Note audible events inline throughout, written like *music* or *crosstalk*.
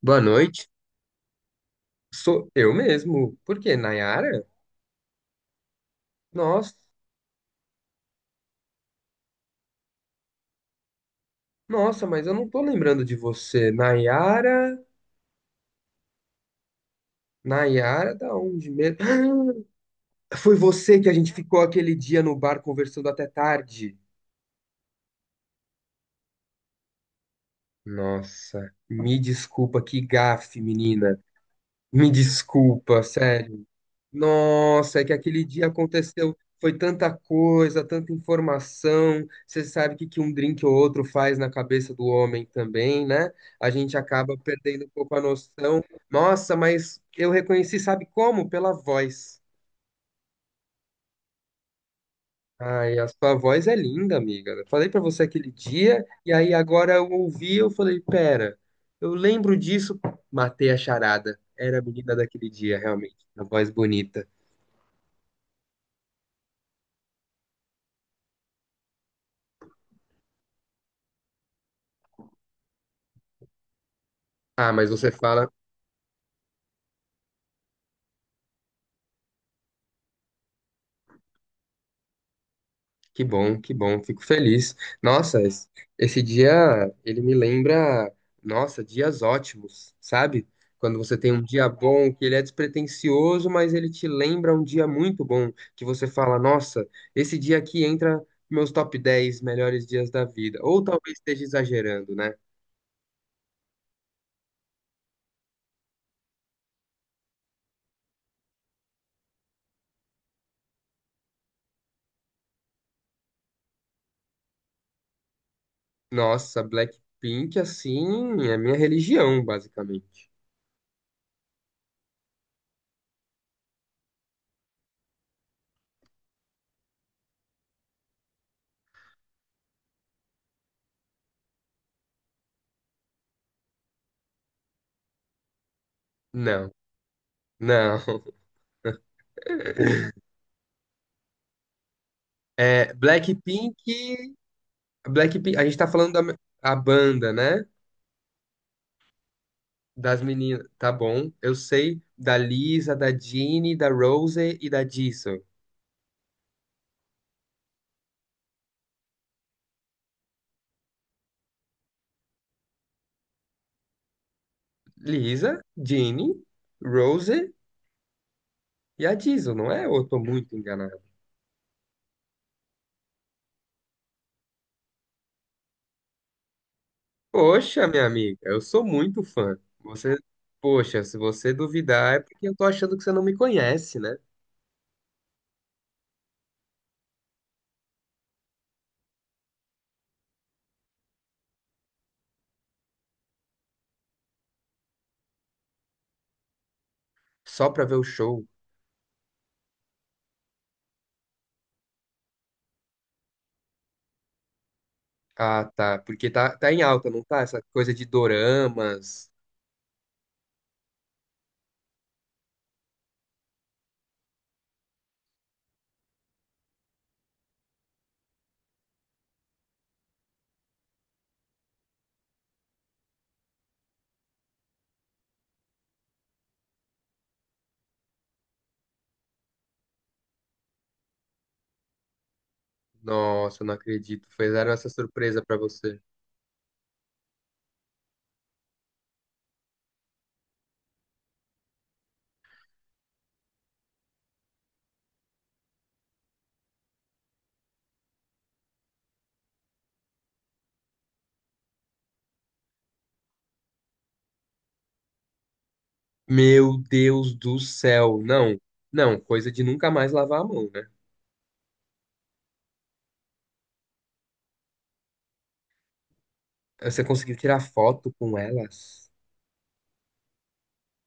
Boa noite. Sou eu mesmo. Por quê? Nayara? Nossa, nossa, mas eu não tô lembrando de você. Nayara, da onde mesmo? *gasps* Foi você que a gente ficou aquele dia no bar conversando até tarde. Nossa, me desculpa, que gafe, menina. Me desculpa, sério. Nossa, é que aquele dia aconteceu, foi tanta coisa, tanta informação. Você sabe o que que um drink ou outro faz na cabeça do homem também, né? A gente acaba perdendo um pouco a noção. Nossa, mas eu reconheci, sabe como? Pela voz. Ai, a sua voz é linda, amiga. Eu falei pra você aquele dia, e aí agora eu ouvi, eu falei, pera, eu lembro disso, matei a charada. Era a menina daquele dia, realmente. Uma voz bonita. Ah, mas você fala, que bom, fico feliz. Nossa, esse dia ele me lembra, nossa, dias ótimos, sabe? Quando você tem um dia bom, que ele é despretensioso, mas ele te lembra um dia muito bom, que você fala, nossa, esse dia aqui entra meus top 10 melhores dias da vida. Ou talvez esteja exagerando, né? Nossa, Blackpink, assim, é minha religião, basicamente. Não, não. *laughs* É, Blackpink. Blackpink, a gente tá falando da a banda, né? Das meninas, tá bom. Eu sei da Lisa, da Jeanne, da Rose e da Jisoo. Lisa, Jeanne, Rose e a Jisoo, não é? Ou eu tô muito enganado? Poxa, minha amiga, eu sou muito fã. Você, poxa, se você duvidar é porque eu tô achando que você não me conhece, né? Só pra ver o show. Ah, tá. Porque tá, tá em alta, não tá? Essa coisa de doramas. Nossa, eu não acredito. Fizeram essa surpresa pra você. Meu Deus do céu. Não, não, coisa de nunca mais lavar a mão, né? Você conseguiu tirar foto com elas?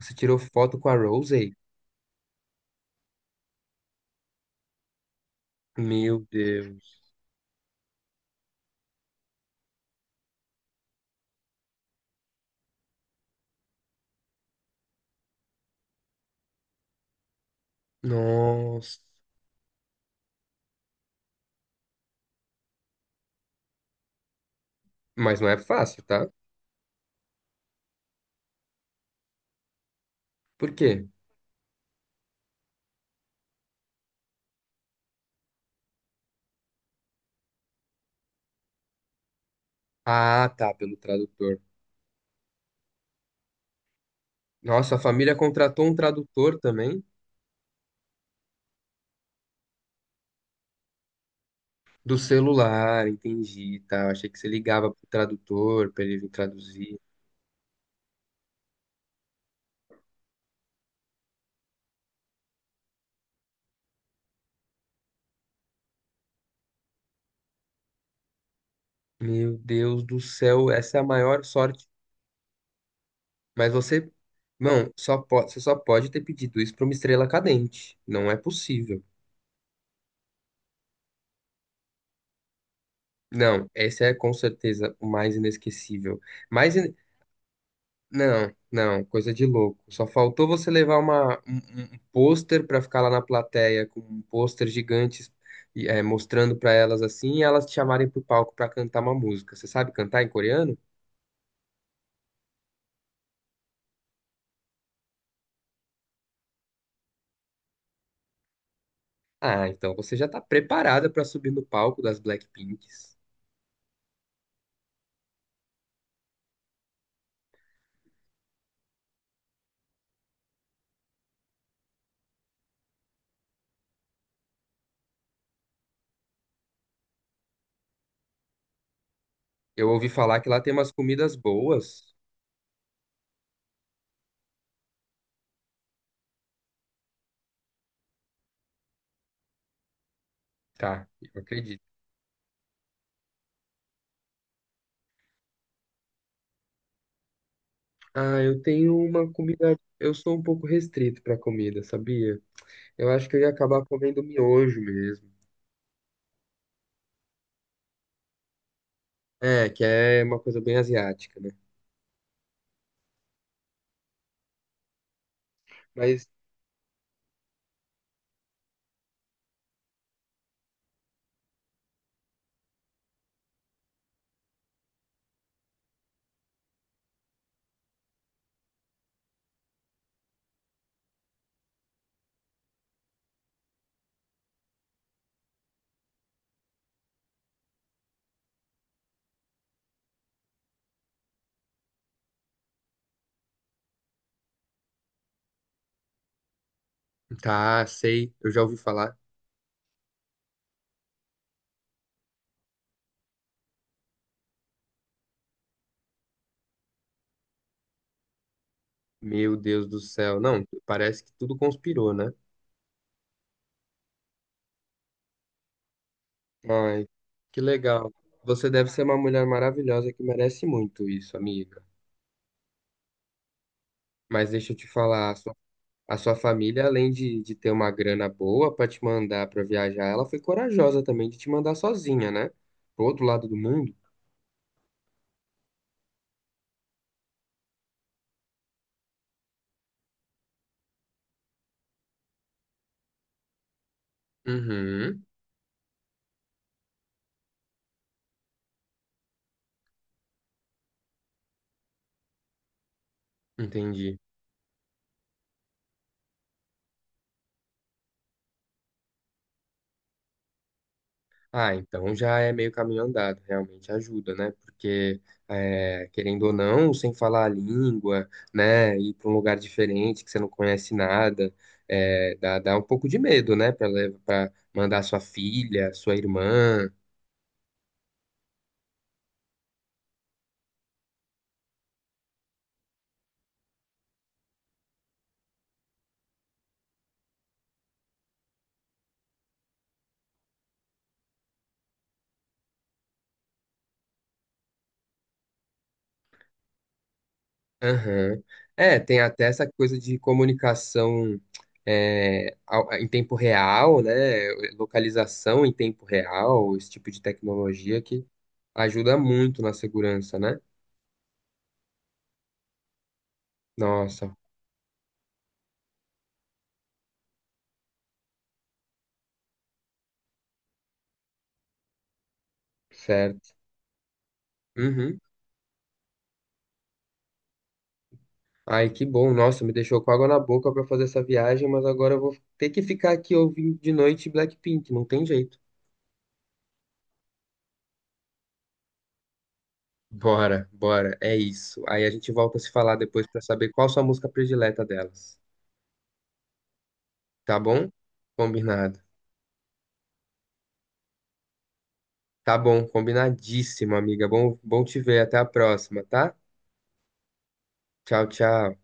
Você tirou foto com a Rosé? Meu Deus. Nossa. Mas não é fácil, tá? Por quê? Ah, tá, pelo tradutor. Nossa, a família contratou um tradutor também do celular, entendi, tá? Achei que você ligava pro tradutor pra ele vir traduzir. Meu Deus do céu, essa é a maior sorte. Mas você, não, só você só pode ter pedido isso para uma estrela cadente. Não é possível. Não, esse é com certeza o mais inesquecível. Mais in- Não, não, coisa de louco. Só faltou você levar uma, um, um pôster para ficar lá na plateia com um pôster gigante e, é, mostrando para elas assim e elas te chamarem pro palco para cantar uma música. Você sabe cantar em coreano? Ah, então você já tá preparada para subir no palco das Blackpinks. Eu ouvi falar que lá tem umas comidas boas. Tá, eu acredito. Ah, eu tenho uma comida. Eu sou um pouco restrito para comida, sabia? Eu acho que eu ia acabar comendo miojo mesmo. É, que é uma coisa bem asiática, né? Mas tá, sei, eu já ouvi falar. Meu Deus do céu. Não, parece que tudo conspirou, né? Ai, que legal. Você deve ser uma mulher maravilhosa que merece muito isso, amiga. Mas deixa eu te falar, a sua família, além de ter uma grana boa para te mandar para viajar, ela foi corajosa também de te mandar sozinha, né? Pro outro lado do mundo. Uhum, entendi. Ah, então já é meio caminho andado, realmente ajuda, né? Porque, é, querendo ou não, sem falar a língua, né? Ir para um lugar diferente que você não conhece nada, é, dá, dá um pouco de medo, né? Para mandar sua filha, sua irmã, aham. É, tem até essa coisa de comunicação, é, em tempo real, né? Localização em tempo real, esse tipo de tecnologia que ajuda muito na segurança, né? Nossa, certo. Uhum. Ai, que bom. Nossa, me deixou com água na boca para fazer essa viagem, mas agora eu vou ter que ficar aqui ouvindo de noite Blackpink, não tem jeito. Bora, bora, é isso. Aí a gente volta a se falar depois para saber qual sua música predileta delas, tá bom? Combinado. Tá bom, combinadíssimo, amiga. Bom, bom te ver. Até a próxima, tá? Tchau, tchau.